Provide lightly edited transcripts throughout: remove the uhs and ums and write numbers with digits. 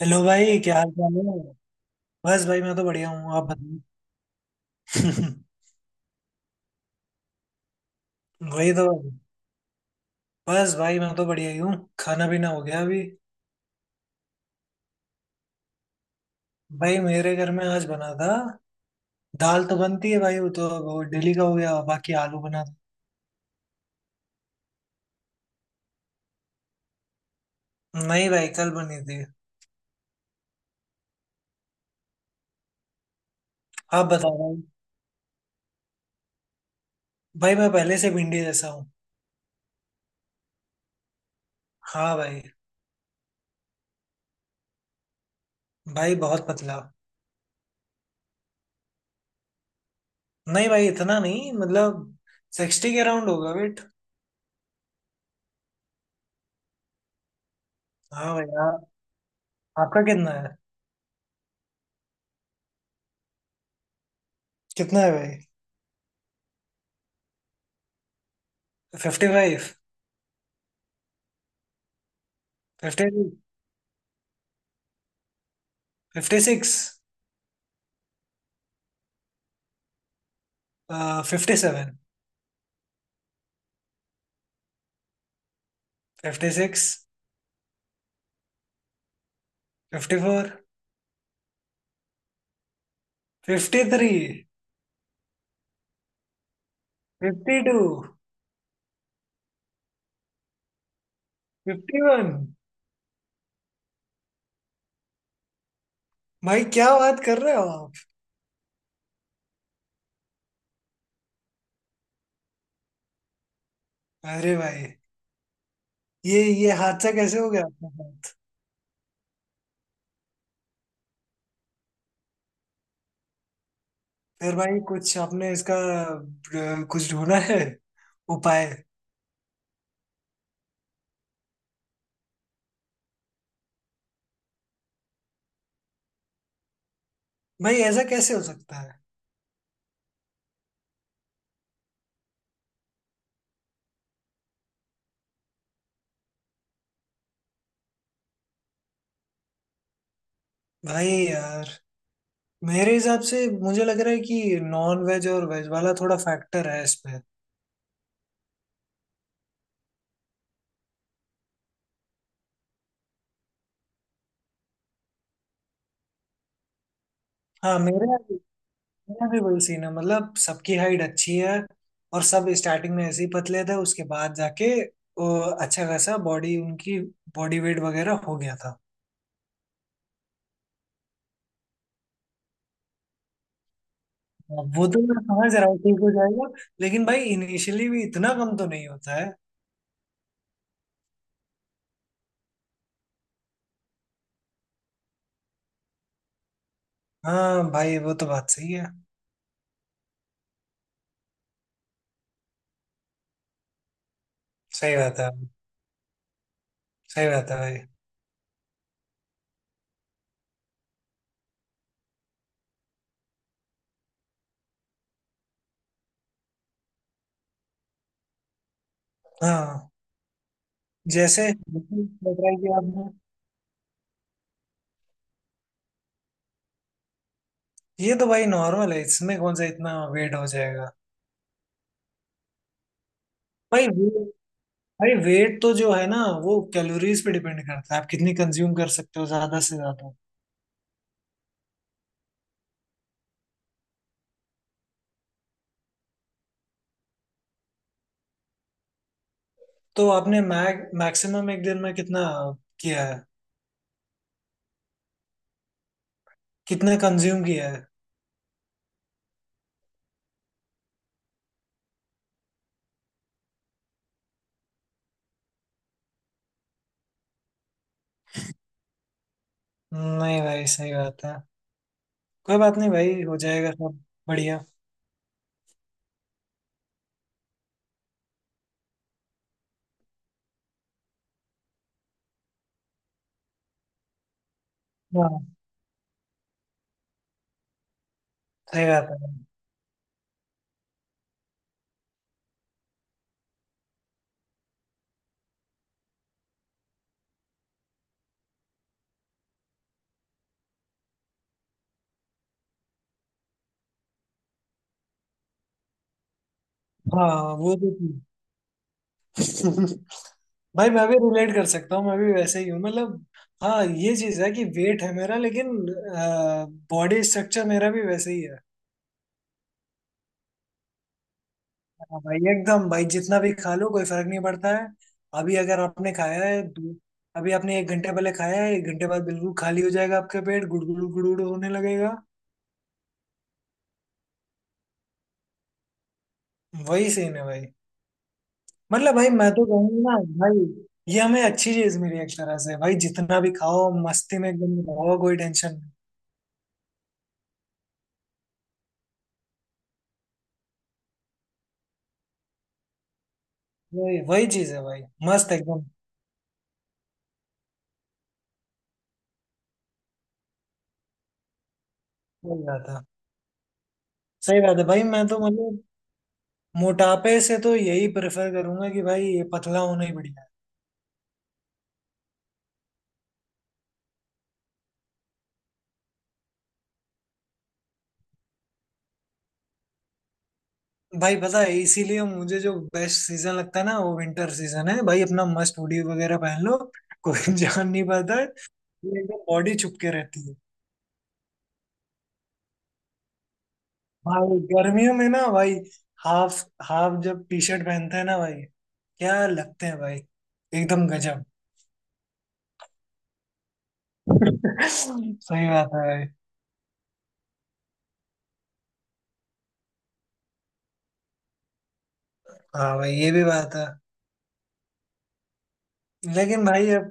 Hello भाई, क्या हाल चाल है। बस भाई, मैं तो बढ़िया हूँ। आप बताइए। वही तो। बस भाई मैं तो बढ़िया ही हूँ। खाना पीना हो गया अभी। भाई मेरे घर में आज बना था। दाल तो बनती है भाई, वो तो वो डेली का हो गया, बाकी आलू बना था। नहीं भाई, कल बनी थी। आप बताओ भाई। भाई मैं पहले से भिंडी जैसा हूँ। हाँ भाई। भाई बहुत पतला। नहीं भाई, इतना नहीं मतलब। 60 के अराउंड होगा वेट। हाँ भाई, आपका कितना है? कितना है भाई? 55। 50। 56। 57। 56। 54। 53। 52। 51। भाई क्या बात कर रहे हो आप? अरे भाई, ये हादसा कैसे हो गया आपके साथ? फिर भाई कुछ आपने इसका कुछ ढूंढा है उपाय? भाई ऐसा कैसे हो सकता है? भाई यार, मेरे हिसाब से मुझे लग रहा है कि नॉन वेज और वेज वाला थोड़ा फैक्टर है इसमें। हाँ, मेरे मेरा भी वही सीन है, मतलब सबकी हाइट अच्छी है। और सब स्टार्टिंग में ऐसे ही पतले थे, उसके बाद जाके वो अच्छा खासा बॉडी उनकी बॉडी वेट वगैरह हो गया था। वो तो मैं समझ रहा हूँ ठीक हो जाएगा। लेकिन भाई इनिशियली भी इतना कम तो नहीं होता है। हाँ भाई वो तो बात सही है। सही बात है। सही बात है भाई। हाँ। जैसे बताया कि आपने, ये तो भाई नॉर्मल है, इसमें कौन सा इतना वेट हो जाएगा। भाई भाई वेट तो जो है ना, वो कैलोरीज पे डिपेंड करता है, आप कितनी कंज्यूम कर सकते हो ज्यादा से ज्यादा। तो आपने मैग मैक्सिमम एक दिन में कितना किया है? कितना कंज्यूम किया है? नहीं भाई, सही बात है। कोई बात नहीं भाई, हो जाएगा सब। बढ़िया। हाँ। सही बात है। हाँ वो तो थी। भाई मैं भी रिलेट कर सकता हूँ, मैं भी वैसे ही हूँ मतलब। हाँ ये चीज है कि वेट है मेरा, लेकिन बॉडी स्ट्रक्चर मेरा भी वैसे ही है। हाँ भाई एकदम, भाई जितना भी खा लो कोई फर्क नहीं पड़ता है। अभी अगर आपने खाया है अभी आपने 1 घंटे पहले खाया है, 1 घंटे बाद बिल्कुल खाली हो जाएगा आपका पेट, गुड़गुड़ गुड़गुड़ होने लगेगा। वही सीन है भाई। मतलब भाई मैं तो कहूंगा ना भाई, ये हमें अच्छी चीज मिली है एक तरह से, भाई जितना भी खाओ मस्ती में एकदम रहो, कोई टेंशन नहीं। वही वही चीज है भाई, मस्त एकदम। सही बात है। सही बात है भाई, मैं तो मतलब मोटापे से तो यही प्रेफर करूंगा कि भाई ये पतला होना ही बढ़िया है। भाई पता है, इसीलिए मुझे जो बेस्ट सीजन लगता है ना, वो विंटर सीजन है भाई, अपना मस्त हुडी वगैरह पहन लो, कोई जान नहीं पाता है। ये एकदम बॉडी छुपके रहती है। भाई गर्मियों में ना भाई, हाफ, हाफ जब टी शर्ट पहनते हैं ना भाई, क्या लगते हैं भाई! एकदम गजब। सही बात है भाई। हाँ भाई, ये भी बात है। लेकिन भाई अब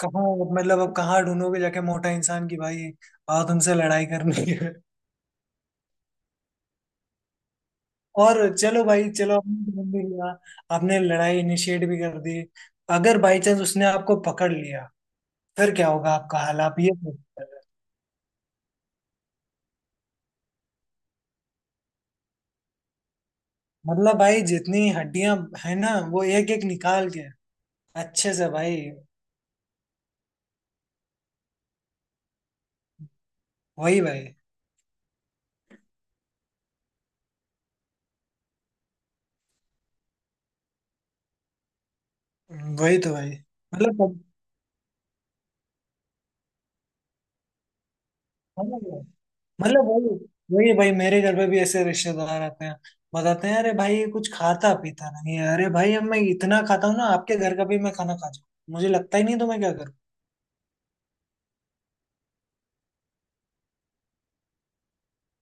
कहाँ मतलब अब कहाँ ढूंढोगे जाके मोटा इंसान की, भाई आओ तुमसे लड़ाई करनी है। और चलो भाई, चलो आपने ढूंढ भी लिया, आपने लड़ाई इनिशिएट भी कर दी, अगर बाई चांस उसने आपको पकड़ लिया, फिर क्या होगा आपका हाल, आप ये सोचते हैं। मतलब भाई जितनी हड्डियां है ना, वो एक एक निकाल के अच्छे से भाई। वही भाई। वही तो भाई मतलब मतलब मतलब वही वही भाई, मेरे घर पे भी ऐसे रिश्तेदार आते हैं, बताते हैं अरे भाई ये कुछ खाता पीता नहीं है, अरे भाई अब मैं इतना खाता हूँ ना, आपके घर का भी मैं खाना खा जाऊँ मुझे लगता ही नहीं, तो मैं क्या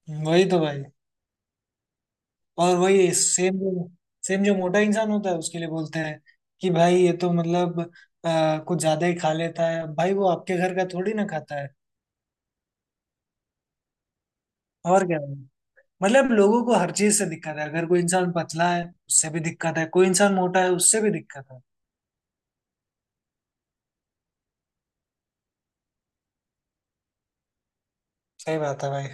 करूँ। वही तो भाई। और वही सेम जो मोटा इंसान होता है उसके लिए बोलते हैं कि भाई ये तो मतलब कुछ ज्यादा ही खा लेता है, भाई वो आपके घर का थोड़ी ना खाता है। और क्या है? मतलब लोगों को हर चीज से दिक्कत है, अगर कोई इंसान पतला है उससे भी दिक्कत है, कोई इंसान मोटा है उससे भी दिक्कत है। सही बात है भाई।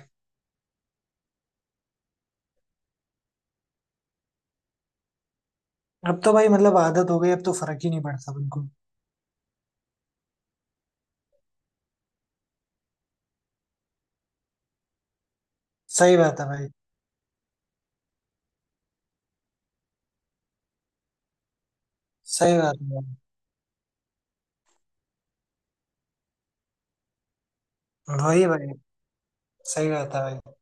अब तो भाई मतलब आदत हो गई, अब तो फर्क ही नहीं पड़ता बिल्कुल। सही बात है भाई। सही बात है भाई। वही भाई। सही बात है भाई।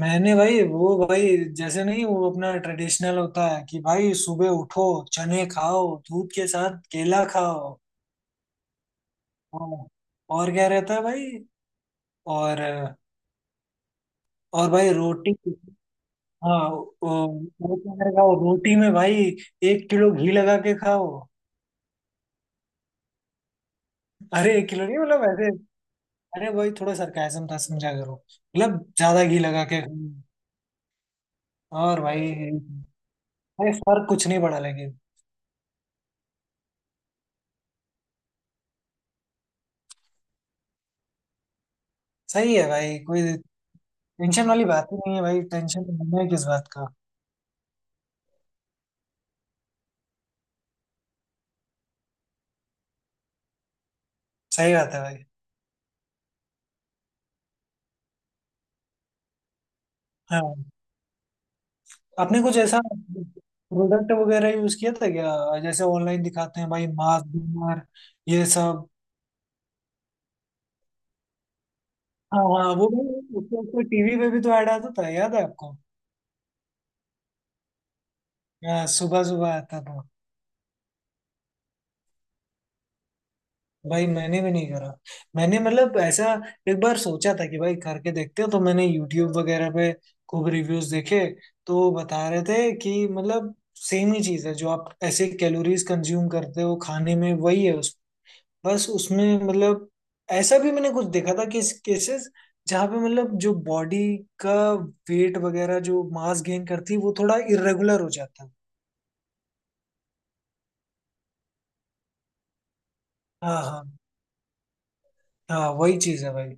मैंने भाई वो भाई जैसे नहीं वो अपना ट्रेडिशनल होता है कि भाई सुबह उठो चने खाओ दूध के साथ केला खाओ हाँ, और क्या रहता है भाई और और भाई रोटी हाँ वो क्या करके खाओ रोटी में भाई 1 किलो घी लगा के खाओ अरे 1 किलो नहीं मतलब ऐसे अरे भाई थोड़ा सरकाजम था समझा करो मतलब ज्यादा घी लगा के खाओ और भाई भाई फर्क कुछ नहीं पड़ा लेकिन सही है भाई कोई टेंशन वाली बात ही नहीं है भाई टेंशन लेना है किस बात का सही बात है भाई हाँ। आपने कुछ ऐसा प्रोडक्ट वगैरह यूज किया था क्या, जैसे ऑनलाइन दिखाते हैं भाई, मास्क बीमार ये सब? हाँ हाँ, वो भाई, उसको टीवी पे भी तो ऐड आता था, याद है आपको? हाँ सुबह सुबह आता था। भाई मैंने भी नहीं करा। मैंने मतलब ऐसा एक बार सोचा था कि भाई करके देखते हैं, तो मैंने यूट्यूब वगैरह पे खूब रिव्यूज देखे। तो बता रहे थे कि मतलब सेम ही चीज है जो आप ऐसे कैलोरीज कंज्यूम करते हो खाने में वही है उस, बस उसमें मतलब ऐसा भी मैंने कुछ देखा था कि केसेस जहाँ पे मतलब जो बॉडी का वेट वगैरह, जो मास गेन करती है, वो थोड़ा इरेगुलर हो जाता है। हाँ हाँ। हाँ वही चीज है भाई।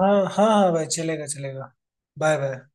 हाँ हाँ हाँ भाई, चलेगा चलेगा। Bye bye.